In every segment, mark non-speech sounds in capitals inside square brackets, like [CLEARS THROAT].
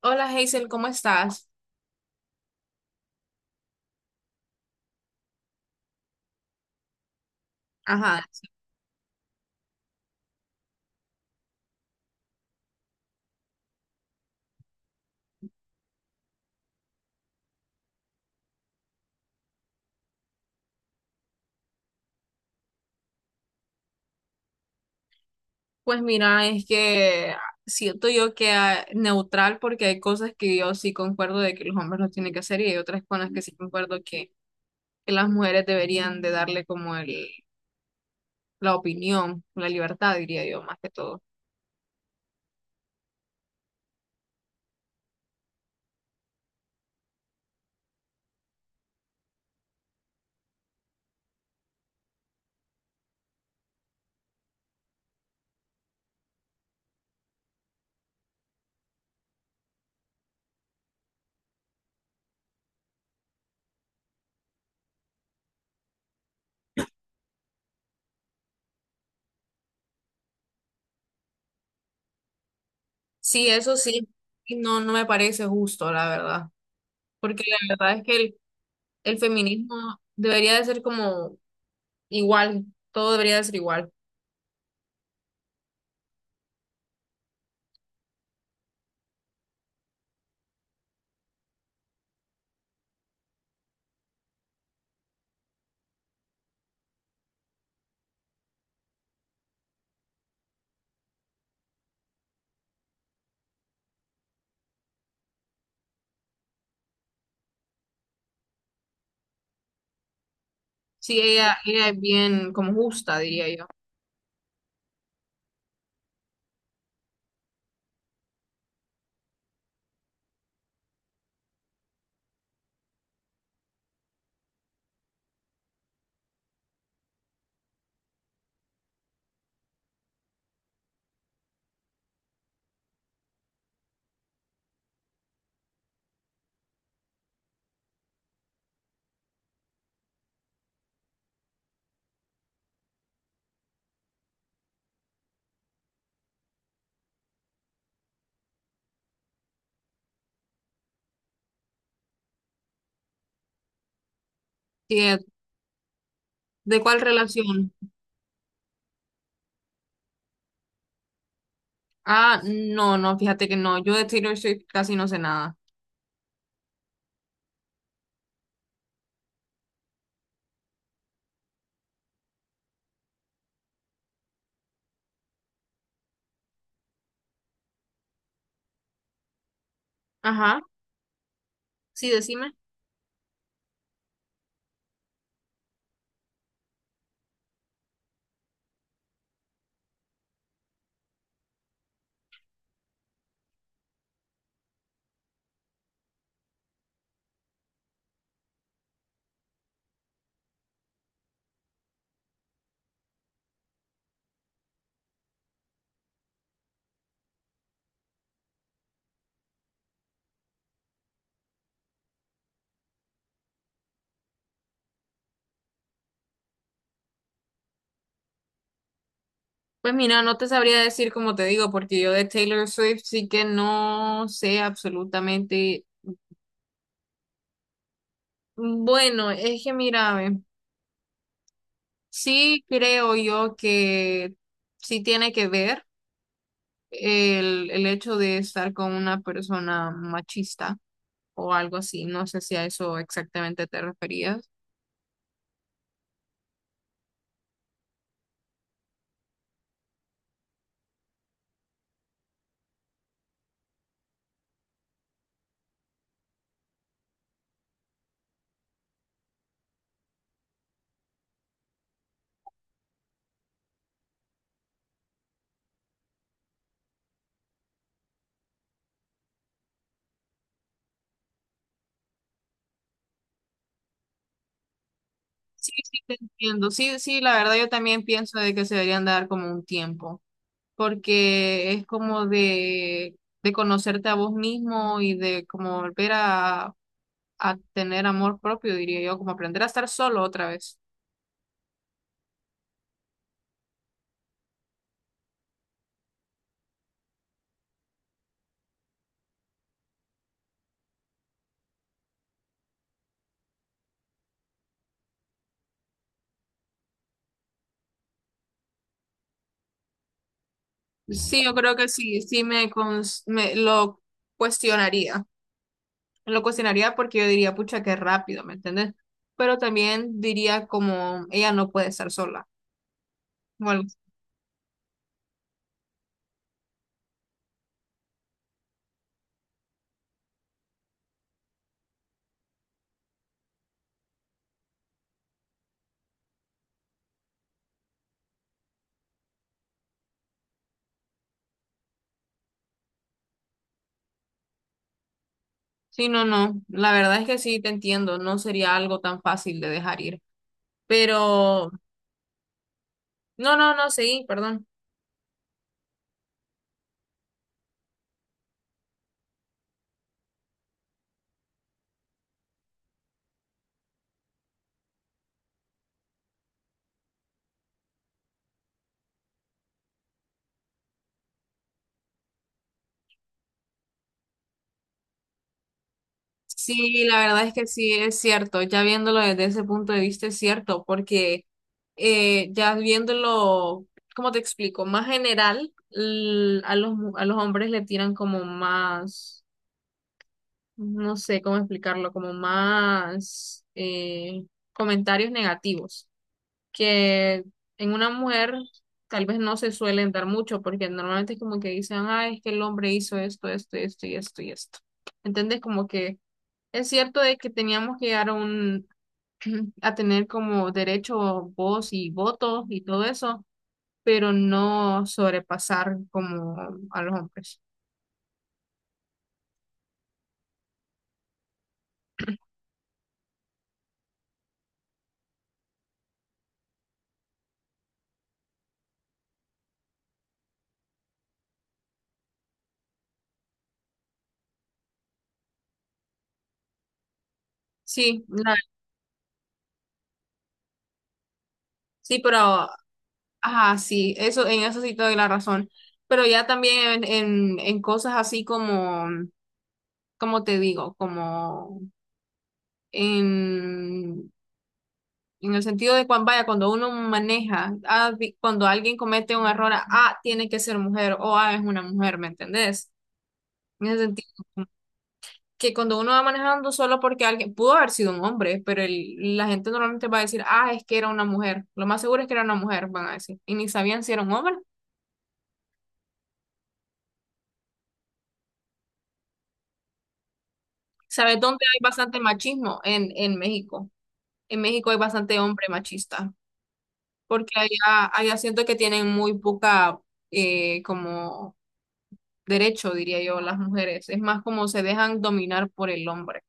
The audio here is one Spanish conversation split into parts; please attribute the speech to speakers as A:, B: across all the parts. A: Hola Hazel, ¿cómo estás? Ajá, pues mira, es que siento yo que neutral, porque hay cosas que yo sí concuerdo de que los hombres lo tienen que hacer y hay otras con las que sí concuerdo que las mujeres deberían de darle como el, la opinión, la libertad, diría yo, más que todo. Sí, eso sí, y no, no me parece justo, la verdad, porque la verdad es que el feminismo debería de ser como igual, todo debería de ser igual. Sí, ella es bien como justa, diría yo. Sí. ¿De cuál relación? Ah, no, no, fíjate que no. Yo de Taylor Swift casi no sé nada. Ajá, sí, decime. Pues mira, no te sabría decir como te digo, porque yo de Taylor Swift sí que no sé absolutamente. Bueno, es que mira, ve, sí creo yo que sí tiene que ver el hecho de estar con una persona machista o algo así. No sé si a eso exactamente te referías. Sí, sí, te entiendo. Sí, sí, la verdad yo también pienso de que se deberían dar como un tiempo, porque es como de conocerte a vos mismo y de como volver a tener amor propio, diría yo, como aprender a estar solo otra vez. Sí, yo creo que sí, me lo cuestionaría. Lo cuestionaría porque yo diría, pucha, qué rápido, ¿me entiendes? Pero también diría como, ella no puede estar sola. Sí, no, no. La verdad es que sí, te entiendo. No sería algo tan fácil de dejar ir. Pero, no, no, no, seguí, perdón. Sí, la verdad es que sí, es cierto. Ya viéndolo desde ese punto de vista, es cierto, porque ya viéndolo, ¿cómo te explico? Más general, a los, a los hombres le tiran como más, no sé cómo explicarlo, como más comentarios negativos. Que en una mujer tal vez no se suelen dar mucho, porque normalmente es como que dicen, ah, es que el hombre hizo esto, esto, esto y esto y esto. ¿Entendés? Como que es cierto de que teníamos que llegar a un, [CLEARS THROAT] a tener como derecho, voz y voto y todo eso, pero no sobrepasar como a los hombres. Sí, la- sí, pero, ajá, sí, eso, en eso sí te doy la razón. Pero ya también en, en cosas así como como te digo, como en, en el sentido de cuando, vaya, cuando uno maneja, ah, cuando alguien comete un error, ah, tiene que ser mujer o ah, es una mujer, ¿me entendés? En el sentido, que cuando uno va manejando solo porque alguien pudo haber sido un hombre, pero la gente normalmente va a decir, ah, es que era una mujer. Lo más seguro es que era una mujer, van a decir. Y ni sabían si era un hombre. ¿Sabes dónde hay bastante machismo? En México. En México hay bastante hombre machista, porque allá, allá siento que tienen muy poca, como derecho, diría yo, las mujeres. Es más como se dejan dominar por el hombre.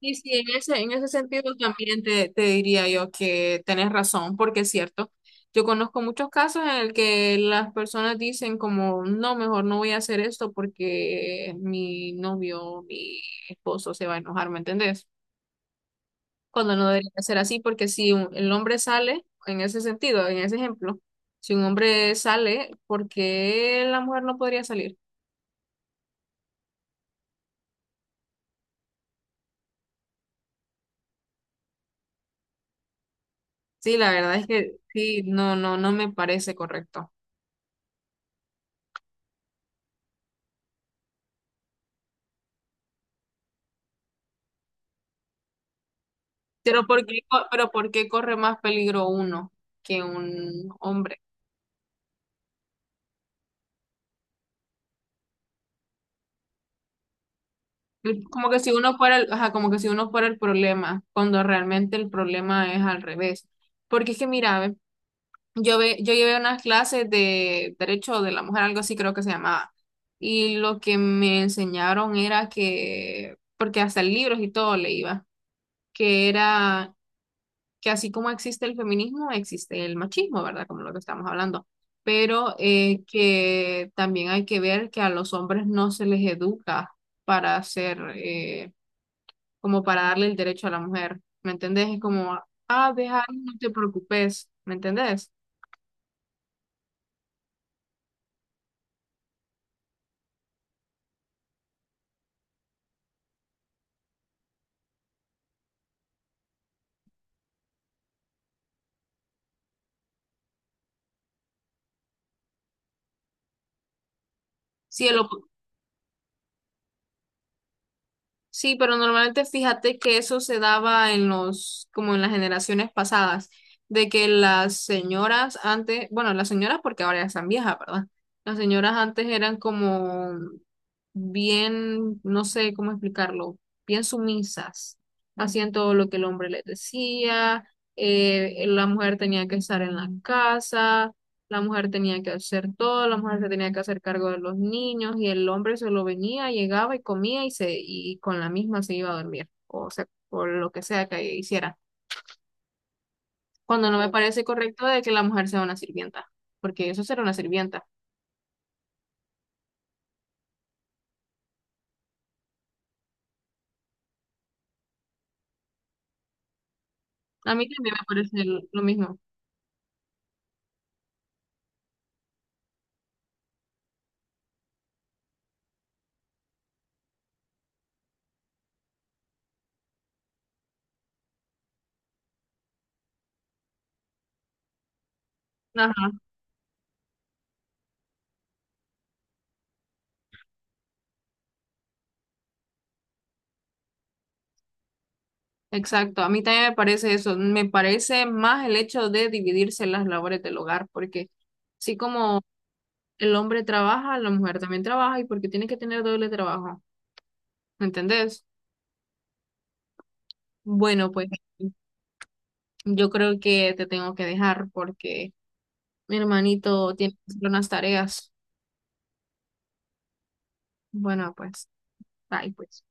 A: Y sí, en ese sentido también te diría yo que tenés razón, porque es cierto. Yo conozco muchos casos en el que las personas dicen como, no, mejor no voy a hacer esto porque mi novio, mi esposo se va a enojar, ¿me entendés? Cuando no debería ser así, porque si el hombre sale, en ese sentido, en ese ejemplo, si un hombre sale, ¿por qué la mujer no podría salir? Sí, la verdad es que sí, no, no, no me parece correcto. Pero ¿por qué corre más peligro uno que un hombre? Como que si uno fuera el, ajá, como que si uno fuera el problema, cuando realmente el problema es al revés. Porque es que mira, ve, yo llevé unas clases de derecho de la mujer, algo así creo que se llamaba. Y lo que me enseñaron era que, porque hasta libros y todo le iba, que era que así como existe el feminismo, existe el machismo, ¿verdad? Como lo que estamos hablando. Pero que también hay que ver que a los hombres no se les educa para hacer, como para darle el derecho a la mujer, ¿me entendés? Es como, ah, deja, no te preocupes, ¿me entendés? Si el op- Sí, pero normalmente fíjate que eso se daba en los, como en las generaciones pasadas, de que las señoras antes, bueno, las señoras porque ahora ya están viejas, ¿verdad? Las señoras antes eran como bien, no sé cómo explicarlo, bien sumisas, hacían todo lo que el hombre les decía, la mujer tenía que estar en la casa, la mujer tenía que hacer todo, la mujer se tenía que hacer cargo de los niños y el hombre solo venía, llegaba y comía y se y con la misma se iba a dormir, o sea, por lo que sea que hiciera. Cuando no me Claro. parece correcto de que la mujer sea una sirvienta, porque eso será una sirvienta. A mí también me parece lo mismo. Ajá, exacto. A mí también me parece eso. Me parece más el hecho de dividirse las labores del hogar, porque así como el hombre trabaja, la mujer también trabaja y porque tiene que tener doble trabajo, ¿me entendés? Bueno, pues yo creo que te tengo que dejar porque mi hermanito tiene que hacer unas tareas. Bueno, pues, bye, pues.